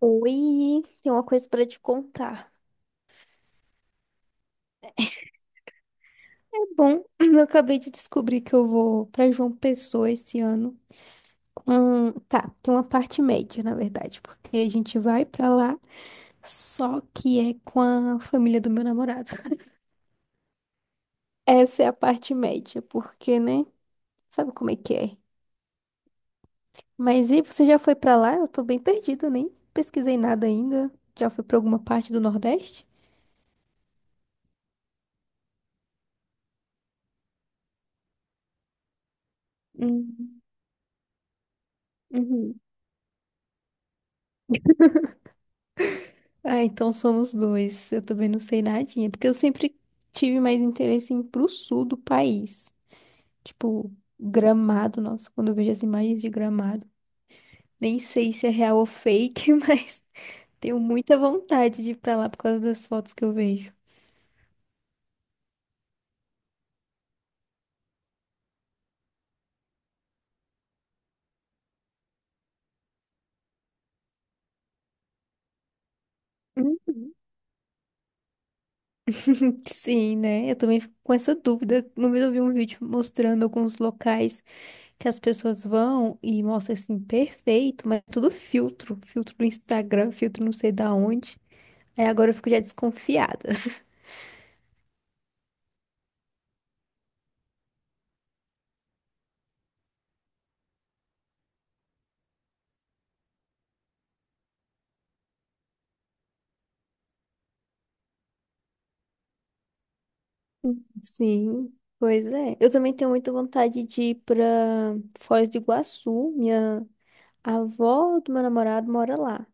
Oi, tem uma coisa pra te contar. É bom, eu acabei de descobrir que eu vou pra João Pessoa esse ano. Tá, tem uma parte média, na verdade, porque a gente vai pra lá, só que é com a família do meu namorado. Essa é a parte média, porque, né? Sabe como é que é? Mas e você já foi pra lá? Eu tô bem perdida, nem pesquisei nada ainda. Já foi pra alguma parte do Nordeste? Hum, uhum. Ah, então somos dois. Eu também não sei nadinha, porque eu sempre tive mais interesse em ir pro sul do país. Tipo, Gramado, nossa, quando eu vejo as imagens de Gramado, nem sei se é real ou fake, mas tenho muita vontade de ir pra lá por causa das fotos que eu vejo. Uhum. Sim, né? Eu também fico com essa dúvida. Uma vez eu vi um vídeo mostrando alguns locais que as pessoas vão e mostra assim, perfeito, mas é tudo filtro, filtro do Instagram, filtro não sei da onde. É, agora eu fico já desconfiada. Sim, pois é. Eu também tenho muita vontade de ir pra Foz do Iguaçu. Minha avó do meu namorado mora lá.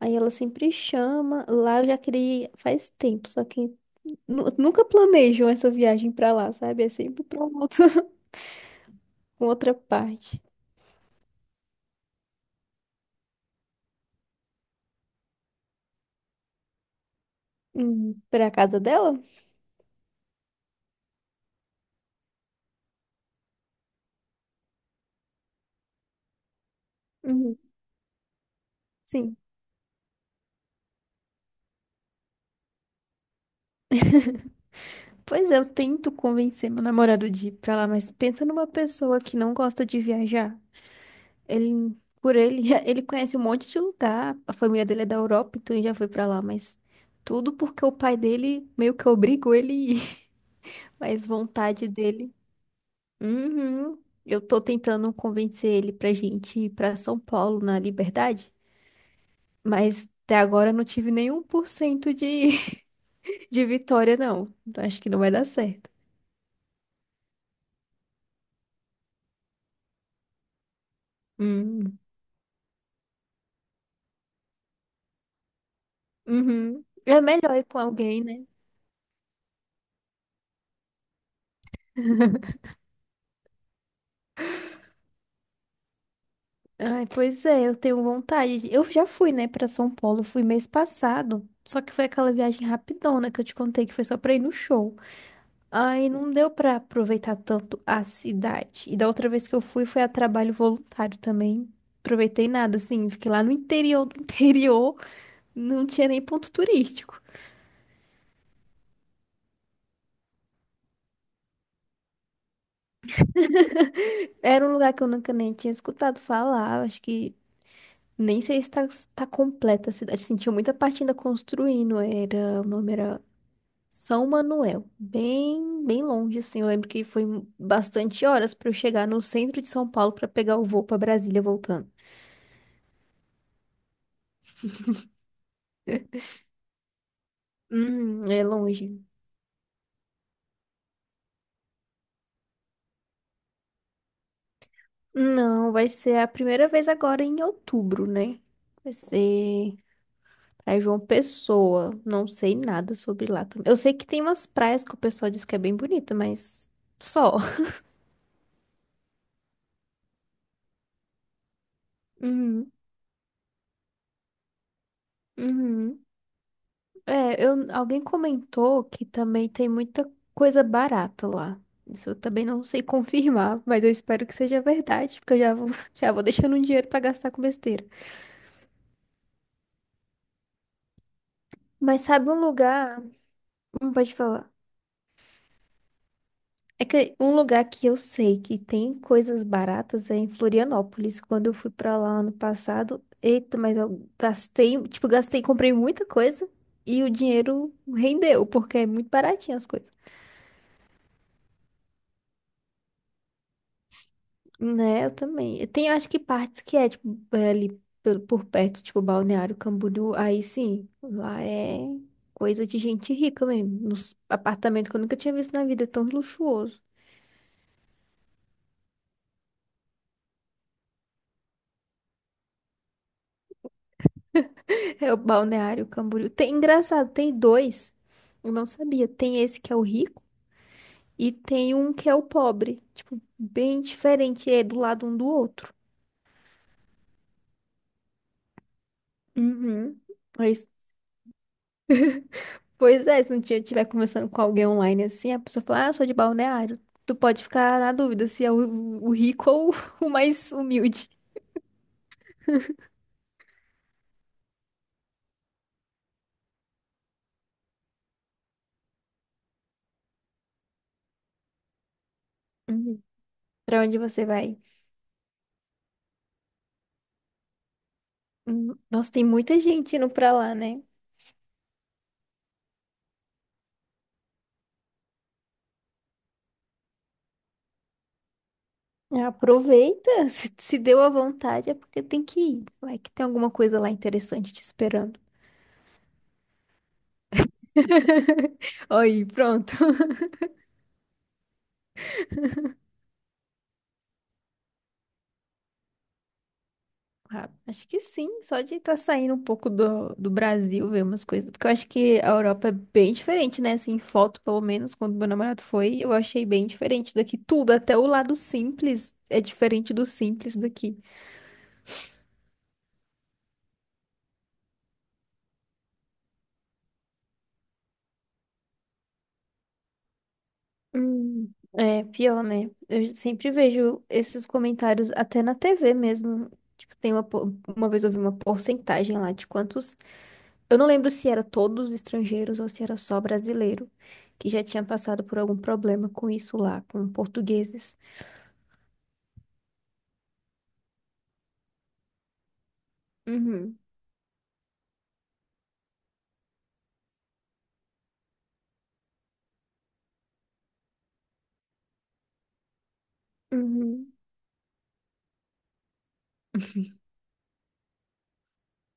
Aí ela sempre chama. Lá eu já queria ir faz tempo, só que nunca planejam essa viagem pra lá, sabe? É sempre pra uma outra parte. Pra casa dela? Uhum, sim. Pois é, eu tento convencer meu namorado de ir pra lá, mas pensa numa pessoa que não gosta de viajar. Ele, por ele, ele conhece um monte de lugar. A família dele é da Europa, então ele já foi pra lá, mas tudo porque o pai dele meio que obrigou ele a ir, mas vontade dele. Uhum. Eu tô tentando convencer ele pra gente ir pra São Paulo na Liberdade, mas até agora eu não tive nenhum por cento de, de vitória, não. Então acho que não vai dar certo. Hum. Uhum. É melhor ir com alguém, né? Ai, pois é, eu tenho vontade. Eu já fui, né, pra São Paulo, fui mês passado. Só que foi aquela viagem rapidona que eu te contei, que foi só pra ir no show. Aí não deu pra aproveitar tanto a cidade. E da outra vez que eu fui, foi a trabalho voluntário também. Aproveitei nada, assim, fiquei lá no interior do interior, não tinha nem ponto turístico. Era um lugar que eu nunca nem tinha escutado falar, acho que nem sei se tá completa a cidade, assim, tinha muita parte ainda construindo, era, o nome era São Manuel, bem, bem longe, assim. Eu lembro que foi bastante horas para eu chegar no centro de São Paulo para pegar o voo para Brasília voltando. É longe. Não, vai ser a primeira vez agora em outubro, né? Vai ser pra João Pessoa. Não sei nada sobre lá também. Eu sei que tem umas praias que o pessoal diz que é bem bonita, mas só. Uhum, uhum. É, alguém comentou que também tem muita coisa barata lá. Isso eu também não sei confirmar, mas eu espero que seja verdade, porque eu já vou, já vou deixando um dinheiro pra gastar com besteira. Mas sabe um lugar, não pode falar. É que um lugar que eu sei que tem coisas baratas é em Florianópolis. Quando eu fui pra lá ano passado, eita, mas eu gastei, tipo, gastei, comprei muita coisa e o dinheiro rendeu, porque é muito baratinho as coisas. Né, eu também. Tem, acho que partes que é, tipo, é ali por perto, tipo, Balneário Camboriú, aí sim, lá é coisa de gente rica mesmo. Nos apartamentos que eu nunca tinha visto na vida, é tão luxuoso. É o Balneário Camboriú. Tem, engraçado, tem dois. Eu não sabia. Tem esse que é o rico e tem um que é o pobre. Tipo, bem diferente, é do lado um do outro. Uhum. Pois é, se um dia eu estiver conversando com alguém online assim, a pessoa fala, ah, eu sou de Balneário. Tu pode ficar na dúvida se é o rico ou o mais humilde. Uhum. Pra onde você vai? Nossa, tem muita gente indo pra lá, né? Aproveita, se deu à vontade é porque tem que ir. Vai que tem alguma coisa lá interessante te esperando. Aí, pronto. Ah, acho que sim, só de estar saindo um pouco do Brasil, ver umas coisas. Porque eu acho que a Europa é bem diferente, né? Assim, em foto, pelo menos, quando meu namorado foi, eu achei bem diferente daqui. Tudo, até o lado simples é diferente do simples daqui. É pior, né? Eu sempre vejo esses comentários até na TV mesmo. Tipo, tem uma vez eu vi uma porcentagem lá de quantos. Eu não lembro se era todos estrangeiros ou se era só brasileiro, que já tinha passado por algum problema com isso lá, com portugueses. Uhum, uhum.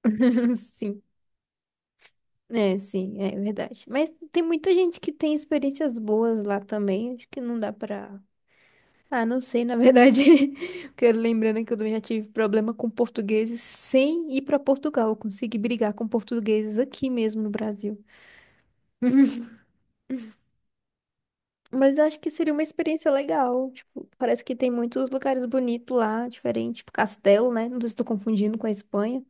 Sim, sim, é verdade. Mas tem muita gente que tem experiências boas lá também, acho que não dá pra. Ah, não sei, na verdade, porque lembrando que eu também já tive problema com portugueses sem ir pra Portugal, eu consegui brigar com portugueses aqui mesmo no Brasil. Mas eu acho que seria uma experiência legal. Tipo, parece que tem muitos lugares bonitos lá, diferente, tipo Castelo, né? Não sei se estou confundindo com a Espanha.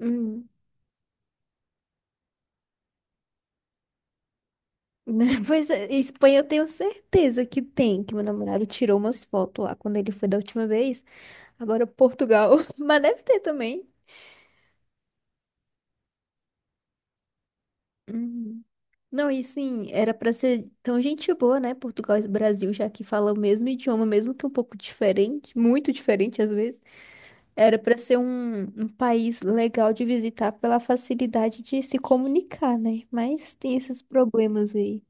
Hum. Pois é, Espanha eu tenho certeza que tem, que meu namorado tirou umas fotos lá quando ele foi da última vez. Agora Portugal, mas deve ter também. Hum. Não, e sim, era pra ser tão gente boa, né? Portugal e Brasil, já que fala o mesmo idioma, mesmo que um pouco diferente, muito diferente às vezes. Era para ser um país legal de visitar pela facilidade de se comunicar, né? Mas tem esses problemas aí.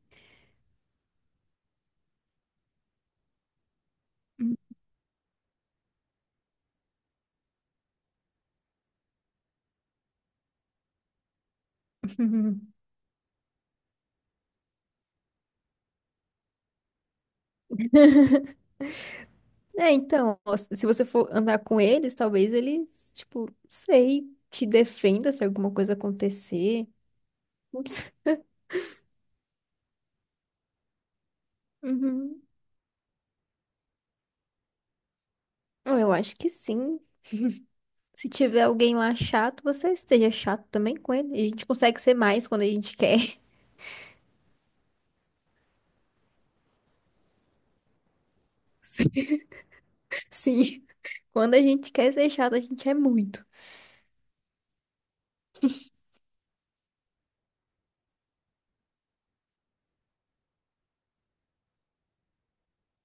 É, então, ó, se você for andar com eles, talvez eles, tipo, sei, te defenda se alguma coisa acontecer. Ups. Uhum. Eu acho que sim. Se tiver alguém lá chato, você esteja chato também com ele. A gente consegue ser mais quando a gente quer. Sim. Quando a gente quer ser chato, a gente é muito.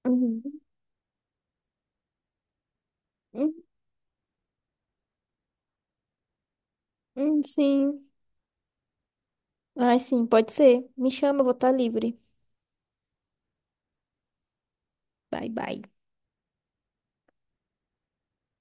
Uhum. Hum, sim. Ai, sim, pode ser. Me chama, eu vou estar livre. Bye, bye.